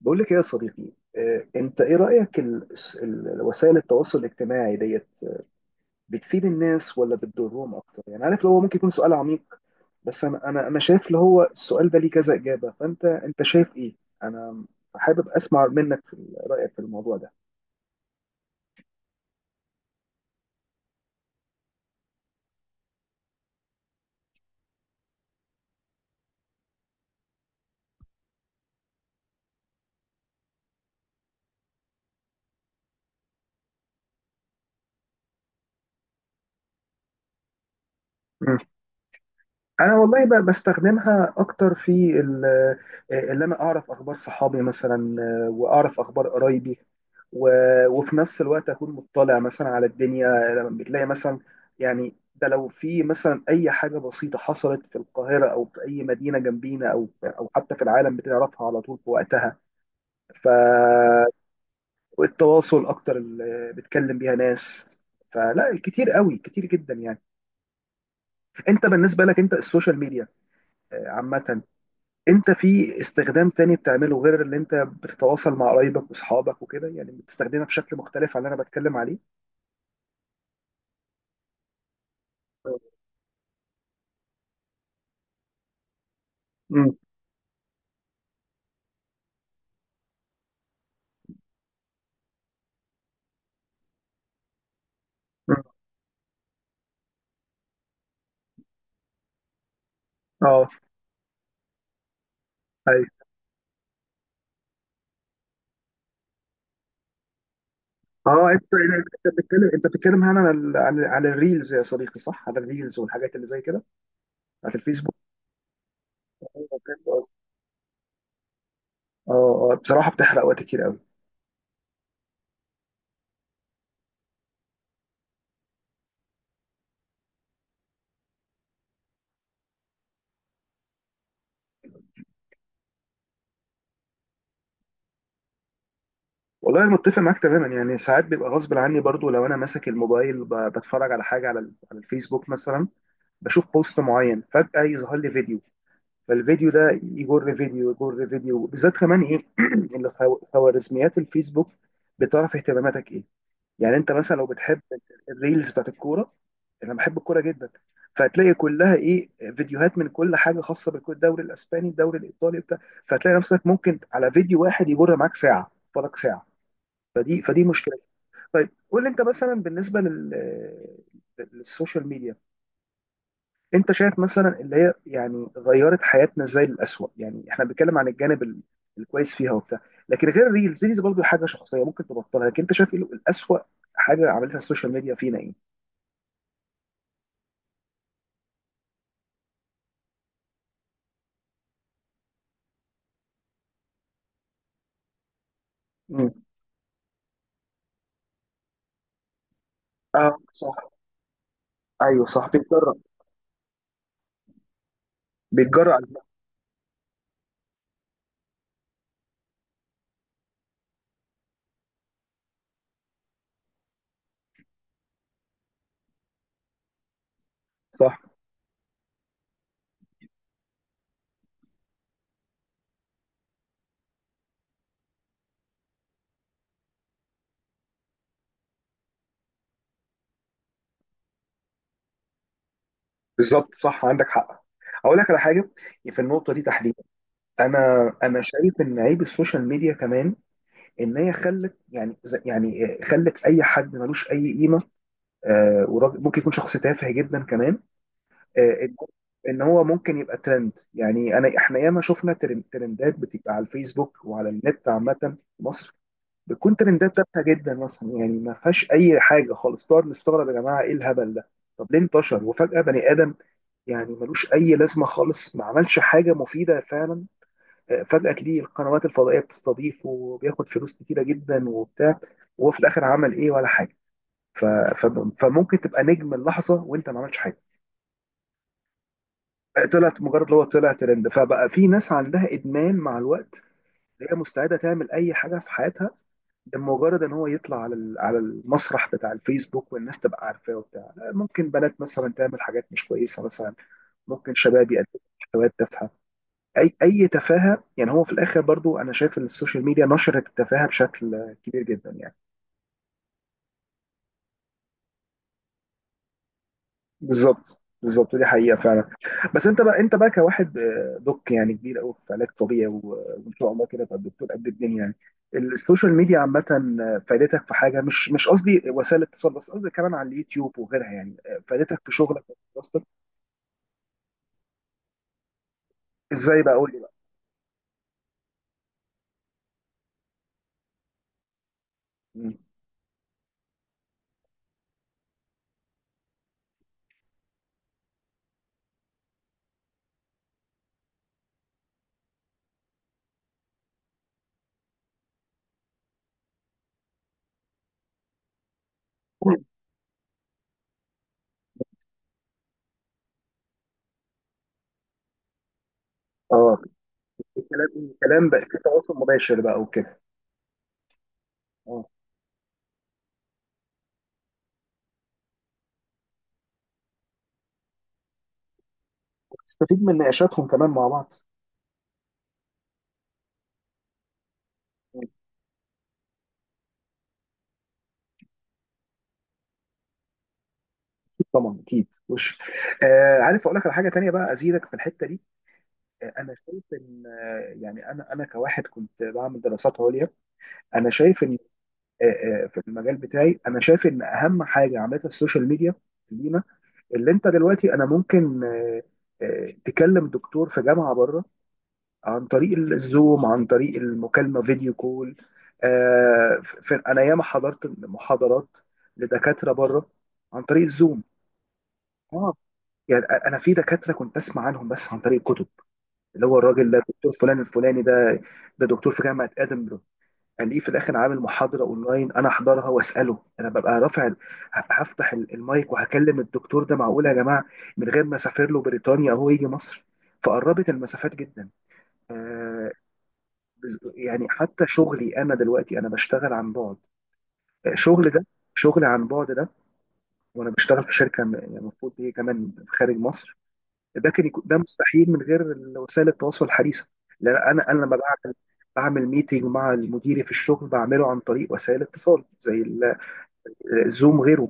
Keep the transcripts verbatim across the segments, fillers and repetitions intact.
بقول لك ايه يا صديقي. آه، انت ايه رأيك ال- ال- وسائل التواصل الاجتماعي ديت بتفيد الناس ولا بتضرهم اكتر؟ يعني عارف اللي هو ممكن يكون سؤال عميق، بس انا انا انا شايف اللي هو السؤال ده ليه كذا إجابة، فانت انت شايف ايه؟ انا حابب اسمع منك في رأيك في الموضوع ده. انا والله ب- بستخدمها اكتر في ال- آه، اللي انا اعرف اخبار صحابي مثلا، آه، واعرف اخبار قرايبي، و- وفي نفس الوقت اكون مطلع مثلا على الدنيا. لما بتلاقي مثلا، يعني ده لو في مثلا اي حاجه بسيطه حصلت في القاهره او في اي مدينه جنبينا او او حتى في العالم، بتعرفها على طول في وقتها. فالتواصل اكتر اللي بتكلم بيها ناس، فلا كتير قوي كتير جدا يعني. انت بالنسبه لك انت السوشيال ميديا آه، عامه، انت في استخدام تاني بتعمله غير اللي انت بتتواصل مع قرايبك واصحابك وكده؟ يعني بتستخدمها بشكل مختلف عن اللي انا بتكلم عليه؟ امم. اه. ايوه. اه انت يعني انت بتتكلم انت بتتكلم هنا عن ال- عن عن الريلز يا صديقي، صح؟ عن الريلز والحاجات اللي زي كده بتاعت الفيسبوك. اه، اه، بصراحه بتحرق وقت كتير قوي. والله انا متفق معاك تماما، يعني ساعات بيبقى غصب عني برضو، لو انا ماسك الموبايل ب- بتفرج على حاجه على ال- على الفيسبوك مثلا، بشوف بوست معين فجاه يظهر لي فيديو، فالفيديو ده يجر فيديو يجر فيديو، بالذات كمان ايه اللي خو- خوارزميات الفيسبوك بتعرف اهتماماتك ايه. يعني انت مثلا لو بتحب الريلز بتاعت الكوره، انا بحب الكوره جدا، فهتلاقي كلها ايه، فيديوهات من كل حاجه خاصه بالدوري الاسباني، الدوري الايطالي بتاع، فهتلاقي نفسك ممكن على فيديو واحد يجر معاك ساعه فرق ساعه، فدي فدي مشكله. طيب قول لي، انت مثلا بالنسبه لل للسوشيال ميديا، انت شايف مثلا اللي هي يعني غيرت حياتنا ازاي للأسوأ؟ يعني احنا بنتكلم عن الجانب ال- الكويس فيها وبتاع، لكن غير الريلز، ريلز برضه حاجه شخصيه ممكن تبطلها، لكن انت شايف ايه الأسوأ حاجه عملتها السوشيال ميديا فينا ايه؟ مم. اه، صح. ايوه، صح، بيتجرأ بيتجرأ على الناس. صح. بالظبط، صح، عندك حق. اقول لك على حاجه، في النقطه دي تحديدا، انا انا شايف ان عيب السوشيال ميديا كمان ان هي خلت يعني ز- يعني خلت اي حد ملوش اي قيمه، آه وراجل- ممكن يكون شخص تافه جدا كمان، آه، ان إن هو ممكن يبقى ترند. يعني انا احنا ياما شفنا ترن- ترندات بتبقى على الفيسبوك وعلى النت عامه، في مصر بتكون ترندات تافهه جدا مثلا، يعني ما فيهاش اي حاجه خالص، بنقعد نستغرب، يا جماعه ايه الهبل ده؟ طب ليه انتشر؟ وفجاه بني ادم يعني ملوش اي لازمه خالص، ما عملش حاجه مفيده فعلا، آه، فجاه تلاقي القنوات الفضائيه بتستضيفه، وبياخد فلوس كتيره جدا وبتاع، وهو في الاخر عمل ايه ولا حاجه، ف... ف... فممكن تبقى نجم اللحظه وانت ما عملتش حاجه. طلعت مجرد اللي هو طلع ترند، فبقى في ناس عندها ادمان مع الوقت هي مستعده تعمل اي حاجه في حياتها لمجرد ان هو يطلع على ال- على المسرح بتاع الفيسبوك والناس تبقى عارفاه وبتاع، ممكن بنات مثلا تعمل حاجات مش كويسه مثلا، ممكن شباب يقدموا محتويات تافهه، اي اي تفاهه، يعني هو في الاخر برضو انا شايف ان السوشيال ميديا نشرت التفاهه بشكل كبير جدا يعني. بالظبط، بالظبط، دي حقيقة فعلا. بس انت بقى، انت بقى كواحد آه، دوك يعني كبير قوي في علاج طبيعي، و- وان شاء الله كده تبقى دكتور قد الدنيا يعني. السوشيال ميديا عامة، آه، فادتك في حاجة؟ مش مش قصدي وسائل اتصال بس، قصدي كمان على اليوتيوب وغيرها، يعني آه، فادتك في شغلك وفي دراستك؟ ازاي بقى؟ قول لي بقى. مم. اه. الكلام الكلام بقى في تواصل مباشر بقى وكده. اه، تستفيد من نقاشاتهم كمان مع بعض. اكيد. طبعا اكيد، وش آه عارف، اقول لك على حاجه تانيه بقى ازيدك في الحته دي. انا شايف ان يعني انا انا كواحد كنت بعمل دراسات عليا، انا شايف ان في المجال بتاعي، انا شايف ان اهم حاجه عملتها السوشيال ميديا لينا اللي انت دلوقتي انا ممكن تكلم دكتور في جامعه بره عن طريق الزوم، عن طريق المكالمه، فيديو كول. انا ياما حضرت محاضرات لدكاتره بره عن طريق الزوم. اه. يعني انا في دكاتره كنت اسمع عنهم بس عن طريق الكتب، اللي هو الراجل ده دكتور فلان الفلاني ده، ده دكتور في جامعة ادنبرو، الاقيه في الاخر عامل محاضرة اونلاين انا احضرها واساله، انا ببقى رافع ه- هفتح ال- المايك وهكلم الدكتور ده، معقول يا جماعة، من غير ما اسافر له بريطانيا او هو يجي مصر، فقربت المسافات جدا. آه، بز- يعني حتى شغلي انا دلوقتي انا بشتغل عن بعد، آه، شغل ده شغل عن بعد ده، وانا بشتغل في شركة م- يعني المفروض دي كمان خارج مصر، ده كان يكون ده مستحيل من غير وسائل التواصل الحديثه، لان انا انا لما بعمل بعمل ميتنج مع مديري في الشغل بعمله عن طريق وسائل اتصال زي ال- الزوم غيره.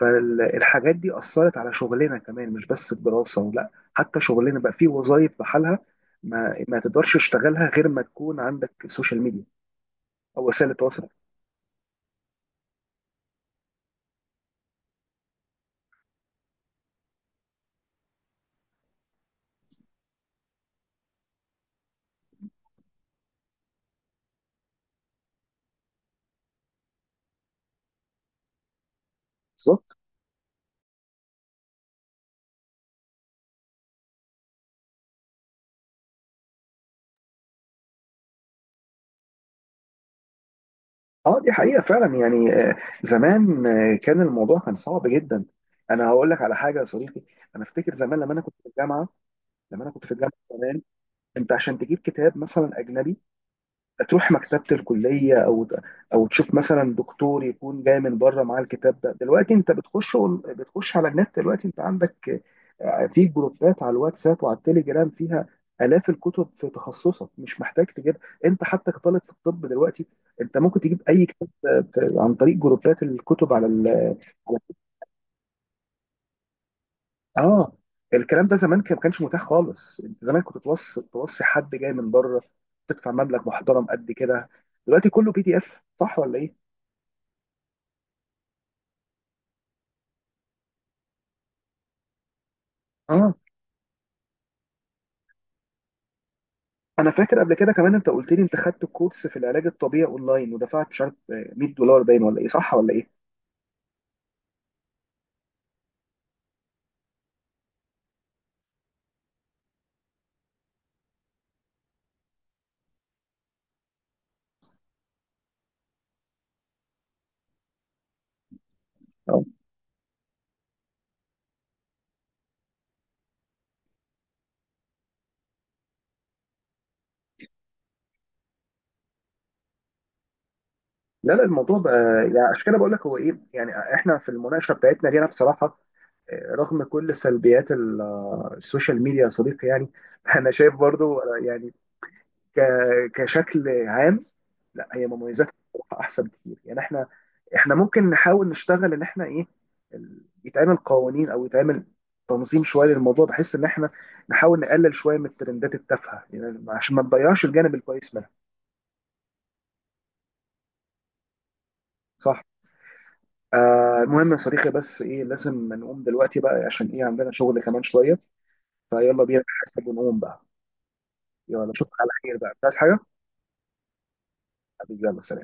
فالحاجات دي اثرت على شغلنا كمان مش بس الدراسه، لا حتى شغلنا بقى فيه وظائف بحالها ما ما تقدرش تشتغلها غير ما تكون عندك سوشيال ميديا او وسائل التواصل. بالظبط. اه، دي حقيقه فعلا، يعني آه، زمان آه، كان الموضوع كان صعب جدا. انا هقول لك على حاجه يا صديقي، انا افتكر زمان لما انا كنت في الجامعه لما انا كنت في الجامعه زمان، انت عشان تجيب كتاب مثلا اجنبي تروح مكتبه الكليه او او تشوف مثلا دكتور يكون جاي من بره معاه الكتاب ده، دلوقتي انت بتخش أون- بتخش على النت، دلوقتي انت عندك آه، في جروبات على الواتساب وعلى التليجرام فيها الاف الكتب في تخصصك، مش محتاج تجيب، انت حتى كطالب في الطب دلوقتي انت ممكن تجيب اي كتاب آه، في- عن طريق جروبات الكتب على ال- اه. الكلام ده زمان كان- ما كانش متاح خالص، انت زمان كنت توصي توصي حد جاي من بره، تدفع مبلغ محترم قد كده، دلوقتي كله بي دي اف، صح ولا ايه؟ اه، انا فاكر قبل كده كمان انت قلت لي انت خدت كورس في العلاج الطبيعي اونلاين، ودفعت مش عارف آه، مئة دولار باين، ولا ايه؟ صح ولا ايه؟ اه. لا لا، الموضوع بقى، يعني عشان كده بقول لك هو ايه، يعني احنا في المناقشه بتاعتنا دي انا بصراحه آه، رغم كل سلبيات ال- آه، السوشيال ميديا يا صديقي يعني انا شايف برضو آه، يعني ك- كشكل عام لا، هي مميزاتها احسن كتير، يعني احنا احنا ممكن نحاول نشتغل ان احنا ايه، ال- يتعمل قوانين او يتعمل تنظيم شويه للموضوع، بحيث ان احنا نحاول نقلل شويه من الترندات التافهه، يعني عشان ما نضيعش الجانب الكويس منها. صح. آه المهم يا صديقي، بس ايه لازم نقوم دلوقتي بقى، عشان ايه عندنا شغل كمان شويه، فيلا بينا نحاسب ونقوم بقى. يلا اشوفك على خير بقى، مش عايز حاجه، حبيبي، يلا سلام.